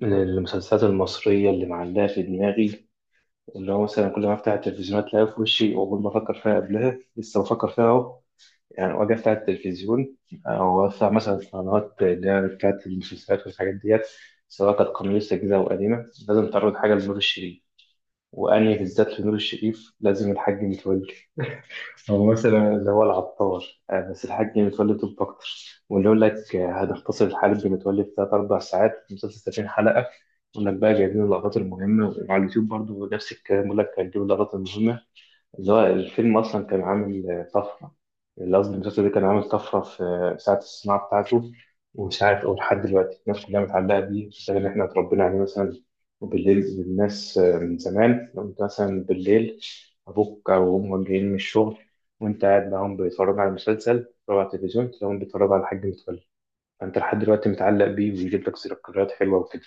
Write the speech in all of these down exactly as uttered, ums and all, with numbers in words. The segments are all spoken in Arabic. من المسلسلات المصرية اللي معلقة في دماغي، اللي هو مثلا كل ما أفتح التلفزيون أتلاقيها في وشي، وأول ما أفكر فيها قبلها لسه بفكر فيها أهو. يعني وأجي أفتح التلفزيون، أو أفتح مثلا قنوات اللي هي بتاعت المسلسلات والحاجات ديت، سواء كانت قنوات جديدة أو قديمة، لازم تعرض حاجة لنور الشريف. وأنهي بالذات لنور الشريف؟ لازم الحاج متولي، الممثل اللي هو العطار. آه، بس الحاج متولي طب أكتر. واللي يقول لك آه، هنختصر الحرب متولي في تلات أربع ساعات في مسلسل ثلاثين حلقة، يقول لك بقى جايبين اللقطات المهمة، وعلى اليوتيوب برضو نفس الكلام، يقول لك هنجيب اللقطات المهمة. اللي هو الفيلم أصلا كان عامل آه، طفرة، اللي قصدي المسلسل ده كان عامل طفرة في ساعة الصناعة بتاعته. ومش عارف أقول، لحد دلوقتي الناس كلها متعلقة بيه، الشغل اللي إحنا اتربينا عليه مثلا. وبالليل الناس، آه، من زمان، لو أنت مثلا بالليل أبوك أو أمك جايين من الشغل، وأنت قاعد معاهم بيتفرجوا على مسلسل، بيتفرجوا على التلفزيون، تلاقيهم بيتفرجوا على حاج متولي. فأنت لحد دلوقتي متعلق بيه، ويجيب لك ذكريات حلوة وكده.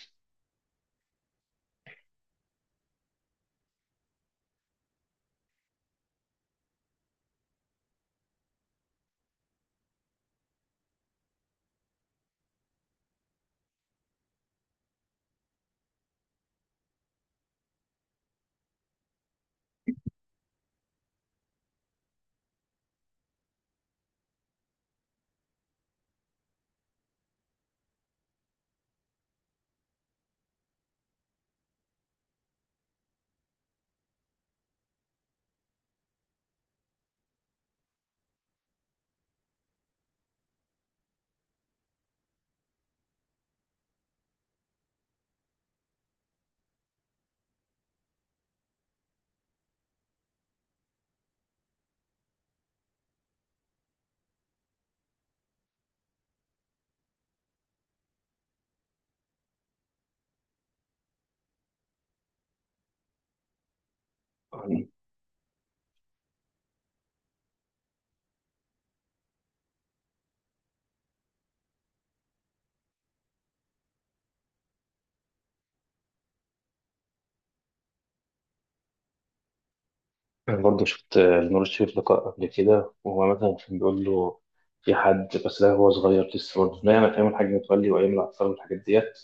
أنا برضه شفت آه، نور الشريف لقاء قبل كده، وهو مثلا كان بيقول له، في حد، بس ده هو صغير لسه برضه نايم أيام الحاج متولي وأيام العطار والحاجات ديت،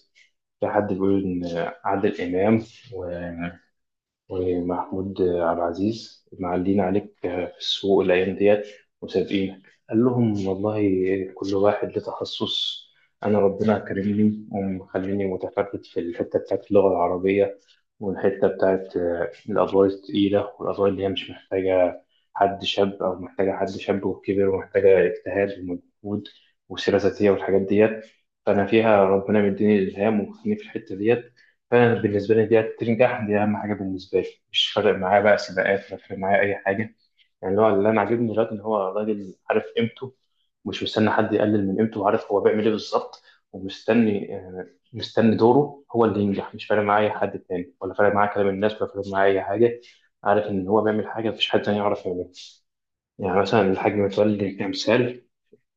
في حد بيقول إن عادل إمام و ومحمود عبد العزيز معلين عليك في السوق الأيام ديت وسابقينك. قال لهم والله كل واحد له تخصص. أنا ربنا كرمني ومخليني متفرد في الحتة بتاعت اللغة العربية، والحتة بتاعت آه، الأدوار التقيلة، والأدوار اللي هي مش محتاجة حد شاب، أو محتاجة حد شاب وكبر، ومحتاجة اجتهاد ومجهود وسيرة ذاتية والحاجات ديت. فأنا فيها ربنا مديني إلهام ومخليني في الحتة ديت. فانا بالنسبه لي دي تنجح، دي اهم حاجه بالنسبه لي. مش فارق معايا بقى سباقات، ولا فارق معايا اي حاجه. يعني اللي هو اللي انا عاجبني دلوقتي ان هو راجل عارف قيمته، مش مستني حد يقلل من قيمته، وعارف هو بيعمل ايه بالظبط. ومستني آه، مستني دوره هو اللي ينجح. مش فارق معايا اي حد تاني، ولا فارق معايا كلام الناس، ولا فارق معايا اي حاجه. عارف ان هو بيعمل حاجه مفيش حد تاني يعرف يعملها. يعني مثلا الحاج متولي كمثال،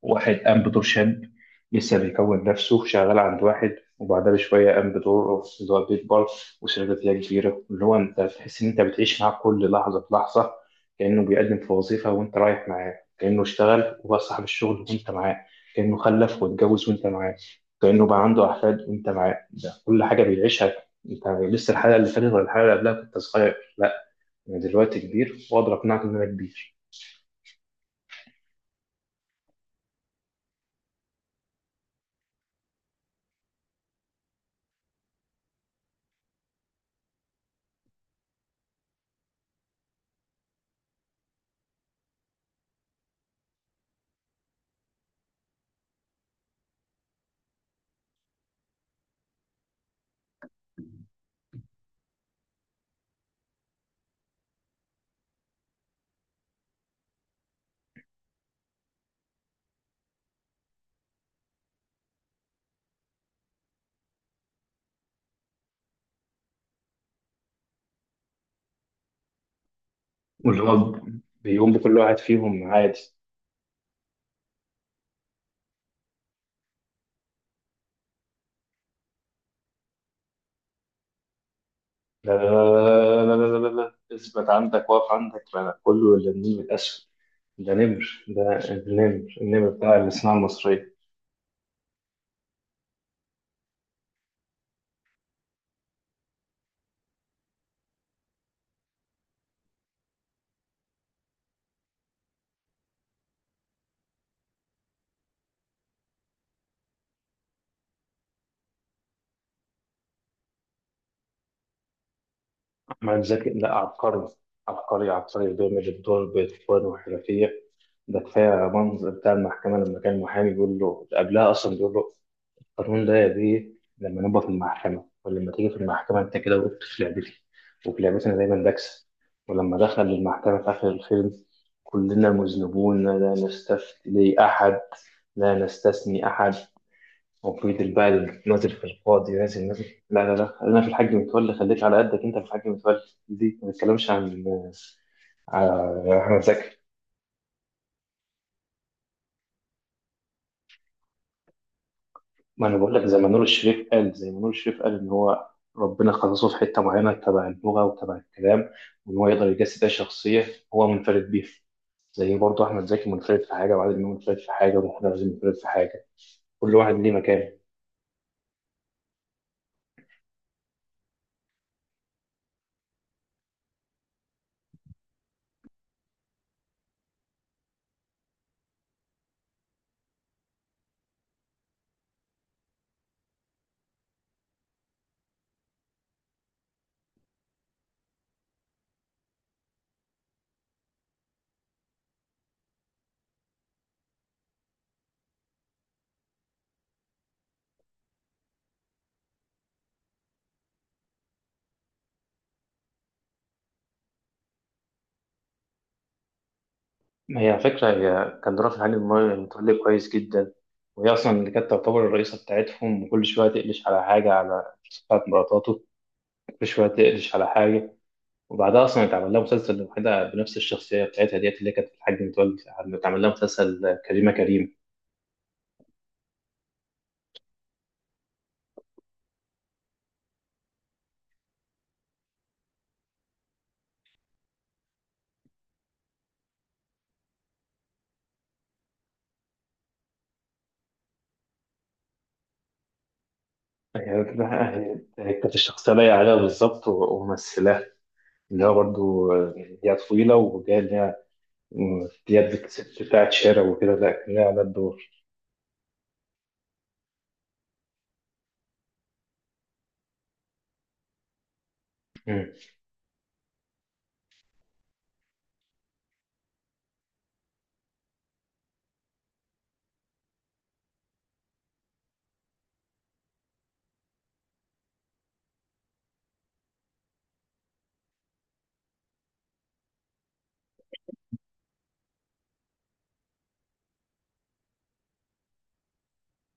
واحد قام بدور شاب لسه بيكون نفسه شغال عند واحد، وبعدها بشوية قام بدور اللي هو بيكبر وشركة اللي هي كبيرة، اللي هو أنت بتحس إن أنت بتعيش معاه كل لحظة في لحظة. كأنه بيقدم في وظيفة وأنت رايح معاه، كأنه اشتغل وهو صاحب الشغل وأنت معاه، كأنه خلف واتجوز وأنت معاه، كأنه بقى عنده أحفاد وأنت معاه. كل حاجة بيعيشها. أنت لسه الحلقة اللي فاتت ولا الحلقة اللي قبلها كنت صغير، لا، أنا دلوقتي كبير وأقدر أقنعك إن أنا كبير. واللي هو بيقوم بكل واحد فيهم عادي. لا لا لا لا لا لا لا لا لا. اثبت عندك، واقف عندك. ما أنا كله إلا النيم الأسود. ده نمر، ده النمر النمر بتاع الصناعة المصرية. أحمد زكي؟ لا، عبقري، عبقري عبقري. بيعمل الدور بإتقان وحرفية. ده كفاية منظر بتاع المحكمة لما كان محامي بيقول له، قبلها أصلا بيقول له: القانون ده يا بيه، لما نبقى في المحكمة، ولما تيجي في المحكمة أنت كده وقفت في لعبتي، وفي لعبتي أنا دايما بكسب. ولما دخل المحكمة في آخر الفيلم: كلنا مذنبون، لا نستثني أحد، لا نستثني أحد. وفي البال نازل، في القاضي نازل نازل. لا لا لا، خلينا في الحاج متولي، خليك على قدك أنت في الحاج متولي. دي ما بنتكلمش عن آه، عن أحمد زكي. ما انا بقول لك، زي ما نور الشريف قال زي ما نور الشريف قال ان هو ربنا خصصه في حته معينه تبع اللغه وتبع الكلام، وان هو يقدر يجسد اي شخصيه هو منفرد بيها. زي برضه احمد زكي منفرد في حاجه، وعادل امام منفرد في حاجه، ومحمد عزيز منفرد في حاجه. كل واحد ليه مكانه. ما هي على فكره، هي كان رافع علي المايو متولي كويس جدا. وهي اصلا اللي كانت تعتبر الرئيسه بتاعتهم، وكل شويه تقلش على حاجه، على بتاعت مراتاته، كل شويه تقلش على حاجه. وبعدها اصلا اتعمل لها مسلسل لوحدها بنفس الشخصيه بتاعتها ديت اللي كانت الحاج متولي. اتعمل لها مسلسل كريمه كريم. هي هي كانت الشخصيه لايقه عليها بالظبط، و- وممثلاها اللي هو برضه. هي طويله وجايه، اللي هي ديت ست بتاعت شارع وكده، لا، كان ليها على الدور. مم.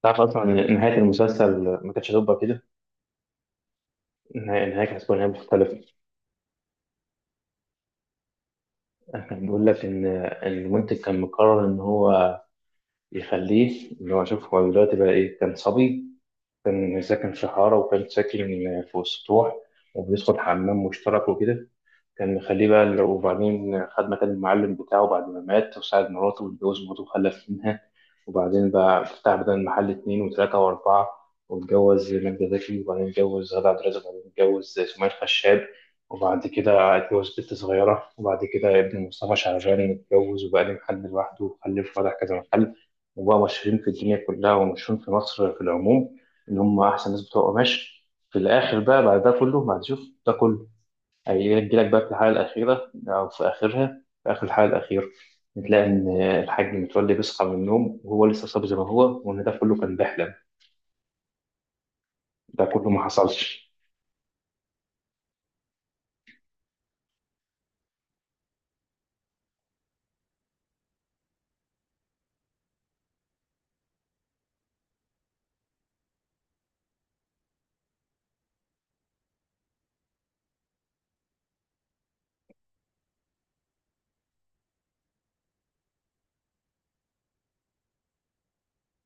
تعرف اصلا ان نهايه المسلسل ما كانتش هتبقى كده؟ النهايه، النهاية كانت هتكون نهايه مختلفه. كان بيقول لك ان إن المنتج كان مقرر ان هو يخليه اللي هو، شوف هو دلوقتي بقى ايه. كان صبي، كان ساكن في حارة، وكان ساكن في سطوح، وبيدخل حمام مشترك وكده. كان مخليه بقى ال- وبعدين خد مكان المعلم بتاعه بعد ما مات، وساعد مراته واتجوز مراته وخلف منها. وبعدين بقى فتح بدل المحل اتنين وتلاتة وأربعة، واتجوز ماجدة زكي، وبعدين اتجوز غادة عبد الرازق، وبعدين اتجوز سمية خشاب. وبعد كده اتجوز بنت صغيرة، وبعد كده ابن مصطفى شعبان اتجوز وبقى ليه محل لوحده وخلف فتح كذا محل. وبقى مشهورين في الدنيا كلها، ومشهورين في مصر في العموم، إن هم أحسن ناس بتوع قماش. في الآخر بقى، بعد ده كله، بعد شوف ده كله، هيجي لك بقى في الحالة الأخيرة، أو في آخرها، في آخر الحالة الأخيرة بتلاقي إن الحاج متولي بيصحى من النوم وهو لسه صاب زي ما هو، وإن ده كله كان بيحلم. ده كله ما حصلش.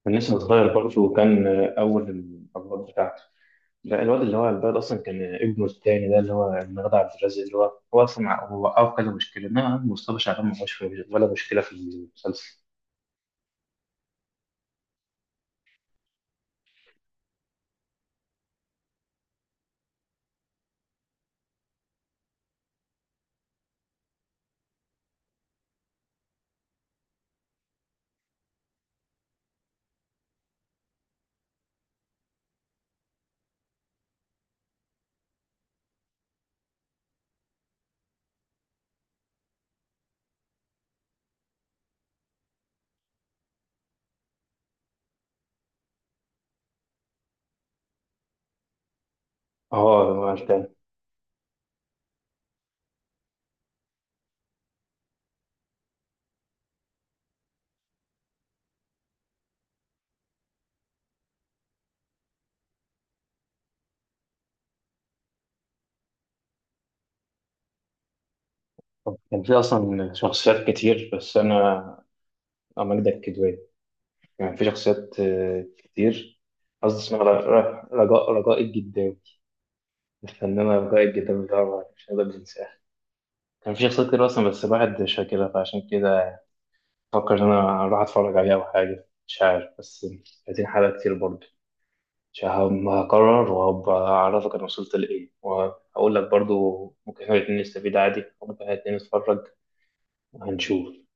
كان لسه صغير برضه، وكان أول الأبواب بتاعته. لا، الواد اللي هو على البال أصلا كان ابنه التاني، ده اللي هو المغدى عبد الرازق، اللي هو هو أصلا هو أو كذا مشكلة. إنما مصطفى شعبان ما هوش ولا مشكلة في المسلسل. أه، هو التاني. كان في أصلا شخصيات كتير، بس أنا، أمجد الكدواني. كان في شخصيات آه، كتير. قصدي اسمها ر- ر- رجاء رجاء الجداوي، الفنانة رجاء الجداوي طبعا مش هنقدر ننساها. كان في شخصيات كتير أصلا، بس الواحد مش فاكرها. فعشان كده، فكر إن أنا أروح أتفرج عليها أو حاجة مش عارف، بس ثلاثين حلقة كتير برضه. مش هم- هقرر وهبقى أعرفك أنا وصلت لإيه، وهقول لك برضه. ممكن إحنا الاتنين نستفيد عادي، وممكن إحنا الاتنين نتفرج، وهنشوف.